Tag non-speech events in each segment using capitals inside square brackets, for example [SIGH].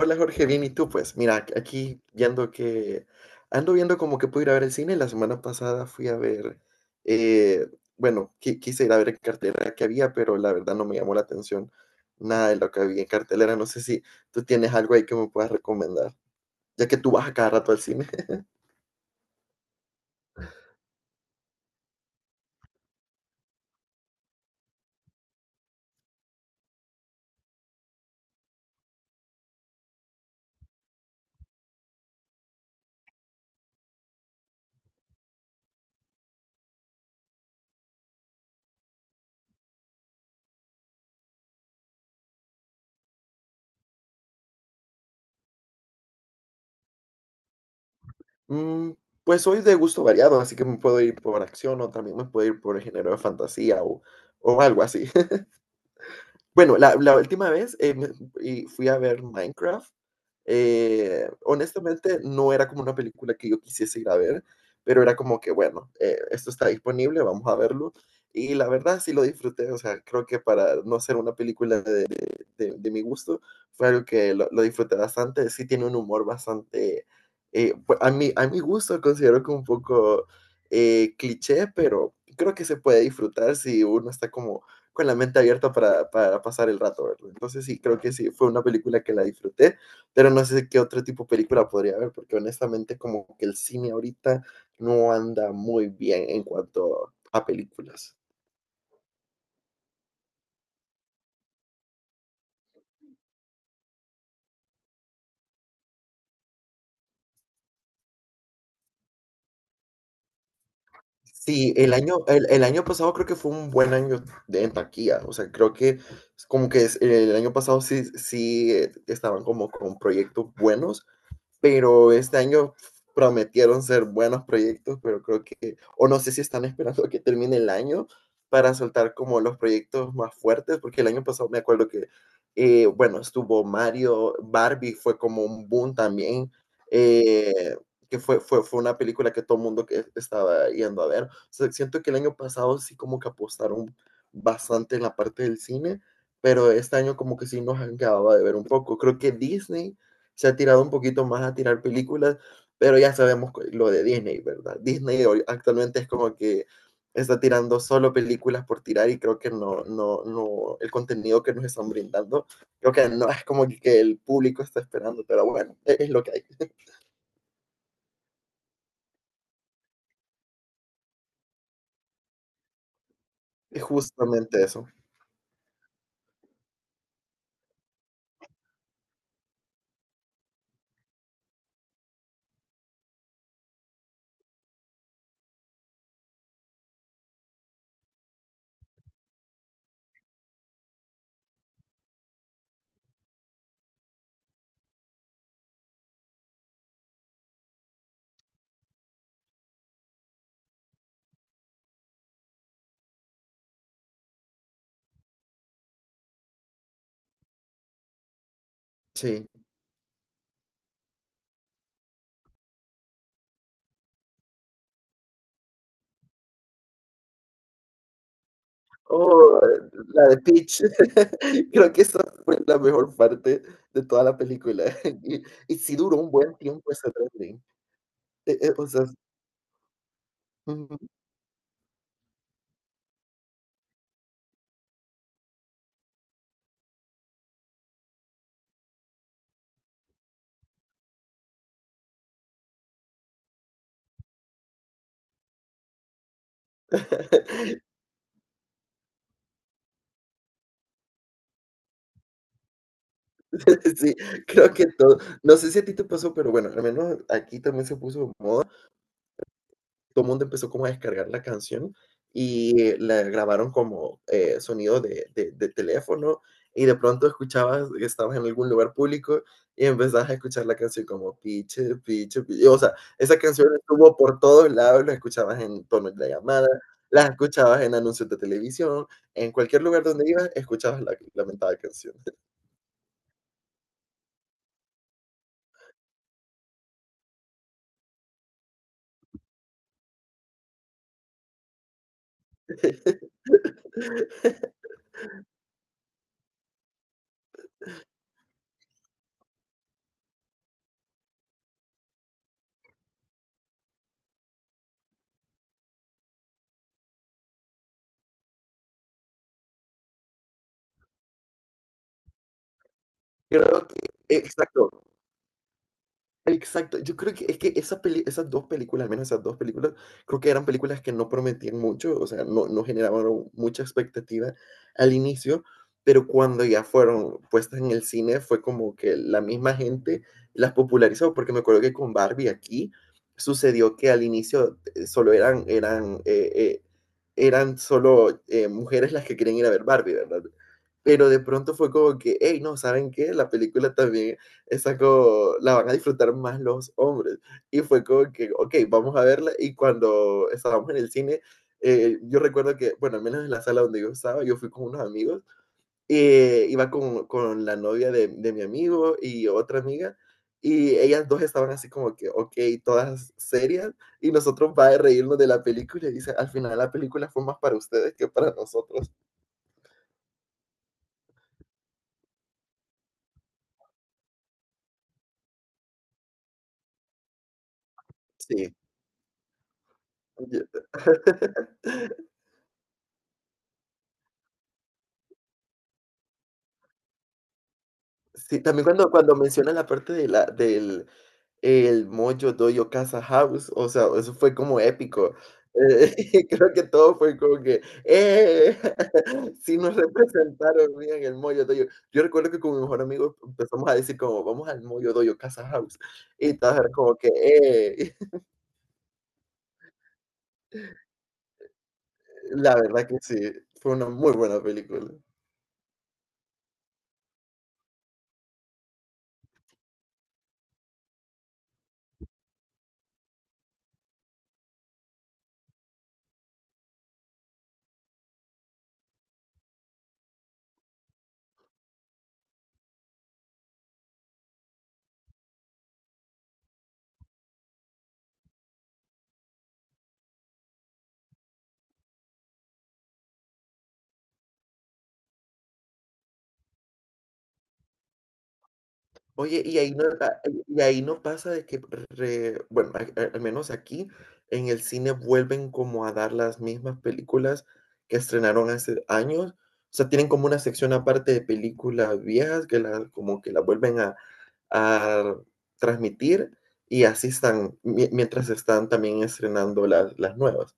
Hola Jorge, bien, ¿y tú? Pues mira, aquí viendo que ando viendo como que puedo ir a ver el cine. La semana pasada fui a ver, eh, bueno, quise ir a ver en cartelera que había, pero la verdad no me llamó la atención nada de lo que había en cartelera. No sé si tú tienes algo ahí que me puedas recomendar, ya que tú vas a cada rato al cine. [LAUGHS] Mm, pues soy de gusto variado, así que me puedo ir por acción o también me puedo ir por el género de fantasía o algo así. Bueno, la última vez y fui a ver Minecraft. Honestamente, no era como una película que yo quisiese ir a ver, pero era como que, bueno, esto está disponible, vamos a verlo. Y la verdad sí lo disfruté, o sea, creo que para no ser una película de mi gusto, fue algo que disfruté bastante. Sí tiene un humor bastante, pues, a mi gusto considero que un poco cliché, pero creo que se puede disfrutar si uno está como con la mente abierta para pasar el rato, ¿verdad? Entonces sí, creo que sí, fue una película que la disfruté, pero no sé qué otro tipo de película podría haber, porque honestamente como que el cine ahorita no anda muy bien en cuanto a películas. Sí, el año pasado creo que fue un buen año de, en taquilla. O sea, creo que es como que el año pasado sí, sí estaban como con proyectos buenos, pero este año prometieron ser buenos proyectos, pero creo que, o no sé si están esperando a que termine el año para soltar como los proyectos más fuertes, porque el año pasado me acuerdo que, bueno, estuvo Mario, Barbie fue como un boom también, eh, que fue una película que todo el mundo que estaba yendo a ver. O sea, siento que el año pasado sí como que apostaron bastante en la parte del cine, pero este año como que sí nos han quedado de ver un poco. Creo que Disney se ha tirado un poquito más a tirar películas, pero ya sabemos lo de Disney, ¿verdad? Disney actualmente es como que está tirando solo películas por tirar y creo que no, el contenido que nos están brindando, creo que no es como que el público está esperando, pero bueno, es lo que hay, es justamente eso. Sí. Oh, la de Peach. [LAUGHS] Creo que esa fue la mejor parte de toda la película. [LAUGHS] Y, y sí duró un buen tiempo ese trending. O sea, ujú. [LAUGHS] [LAUGHS] Sí, creo que todo. No sé si a ti te pasó, pero bueno, al menos aquí también se puso de moda. Todo el mundo empezó como a descargar la canción y la grabaron como sonido de teléfono y de pronto escuchabas que estabas en algún lugar público y empezabas a escuchar la canción como piche, piche, piche. O sea, esa canción estuvo por todos lados, la escuchabas en tono de llamada, la escuchabas en anuncios de televisión, en cualquier lugar donde ibas, escuchabas la lamentada canción. [LAUGHS] Creo que, exacto, exacto, yo creo que es que esas dos películas, al menos esas dos películas, creo que eran películas que no prometían mucho, o sea, no generaban mucha expectativa al inicio, pero cuando ya fueron puestas en el cine fue como que la misma gente las popularizó, porque me acuerdo que con Barbie aquí sucedió que al inicio solo eran solo mujeres las que querían ir a ver Barbie, ¿verdad? Pero de pronto fue como que, hey, no, ¿saben qué? La película también esa como, la van a disfrutar más los hombres. Y fue como que, ok, vamos a verla. Y cuando estábamos en el cine, yo recuerdo que, bueno, al menos en la sala donde yo estaba, yo fui con unos amigos, iba con la novia de mi amigo y otra amiga, y ellas dos estaban así como que, ok, todas serias, y nosotros va a reírnos de la película, y dice, al final la película fue más para ustedes que para nosotros. Sí. yo- [LAUGHS] Sí, también cuando, cuando mencionas la parte del El Mojo Dojo Casa House, o sea, eso fue como épico. Eh, [LAUGHS] creo que todo fue como que, [LAUGHS] sí nos representaron bien el Mojo Dojo. Yo recuerdo que con mi mejor amigo empezamos a decir como, vamos al Mojo Dojo Casa House, y todos era como que, [LAUGHS] la verdad que sí, fue una muy buena película. Oye, y ahí no, y ahí no pasa de que, bueno, al menos aquí en el cine vuelven como a dar las mismas películas que estrenaron hace años. O sea, tienen como una sección aparte de películas viejas que la, como que la vuelven a transmitir y así están, mientras están también estrenando las nuevas.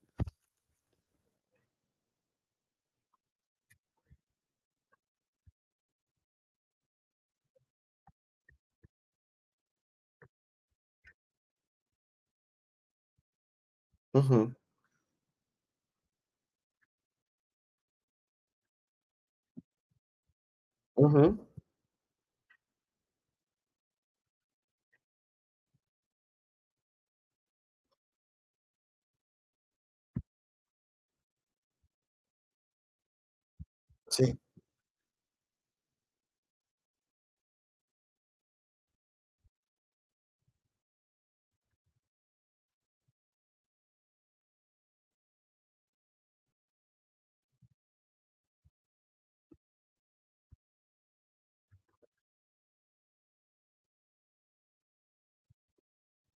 Ujú, ujú, sí.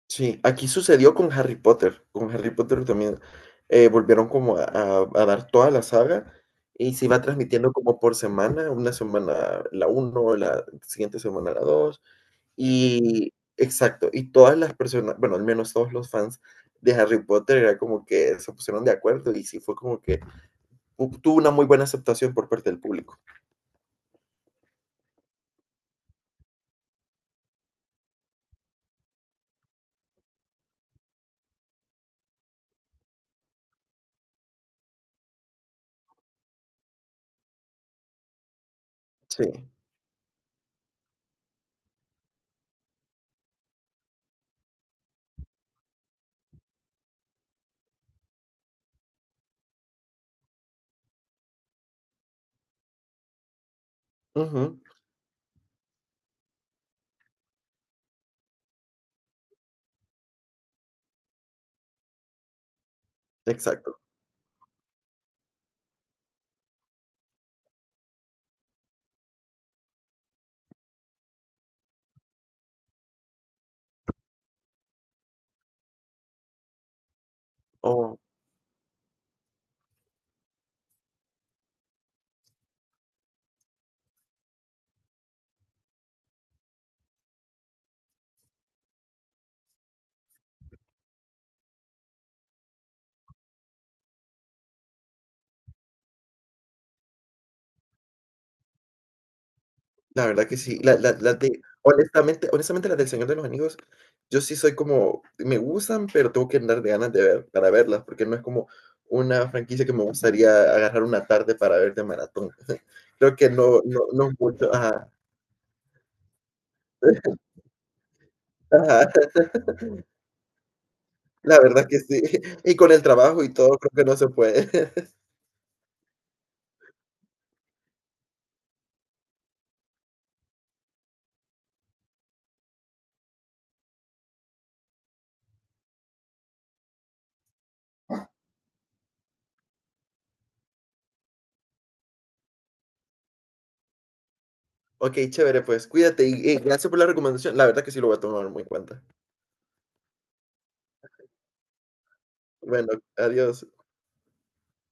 Sí, aquí sucedió con Harry Potter. Con Harry Potter también volvieron como a, a dar toda la saga y se iba transmitiendo como por semana, una semana la uno, la siguiente semana la 2 y exacto, y todas las personas, bueno, al menos todos los fans de Harry Potter era como que se pusieron de acuerdo y sí fue como que tuvo una muy buena aceptación por parte del público. Sí, ujú, exacto. Oh. La verdad que sí. La la Las de honestamente, honestamente, las del Señor de los Anillos, yo sí soy como me gustan, pero tengo que andar de ganas de ver para verlas, porque no es como una franquicia que me gustaría agarrar una tarde para ver de maratón. [LAUGHS] Creo que no es mucho, ajá, ajá, [LAUGHS] la verdad que sí. [LAUGHS] Y con el trabajo y todo, creo que no se puede. [LAUGHS] Okey, chévere, pues cuídate y gracias por la recomendación. La verdad que sí lo voy a tomar muy en cuenta. Bueno, adiós.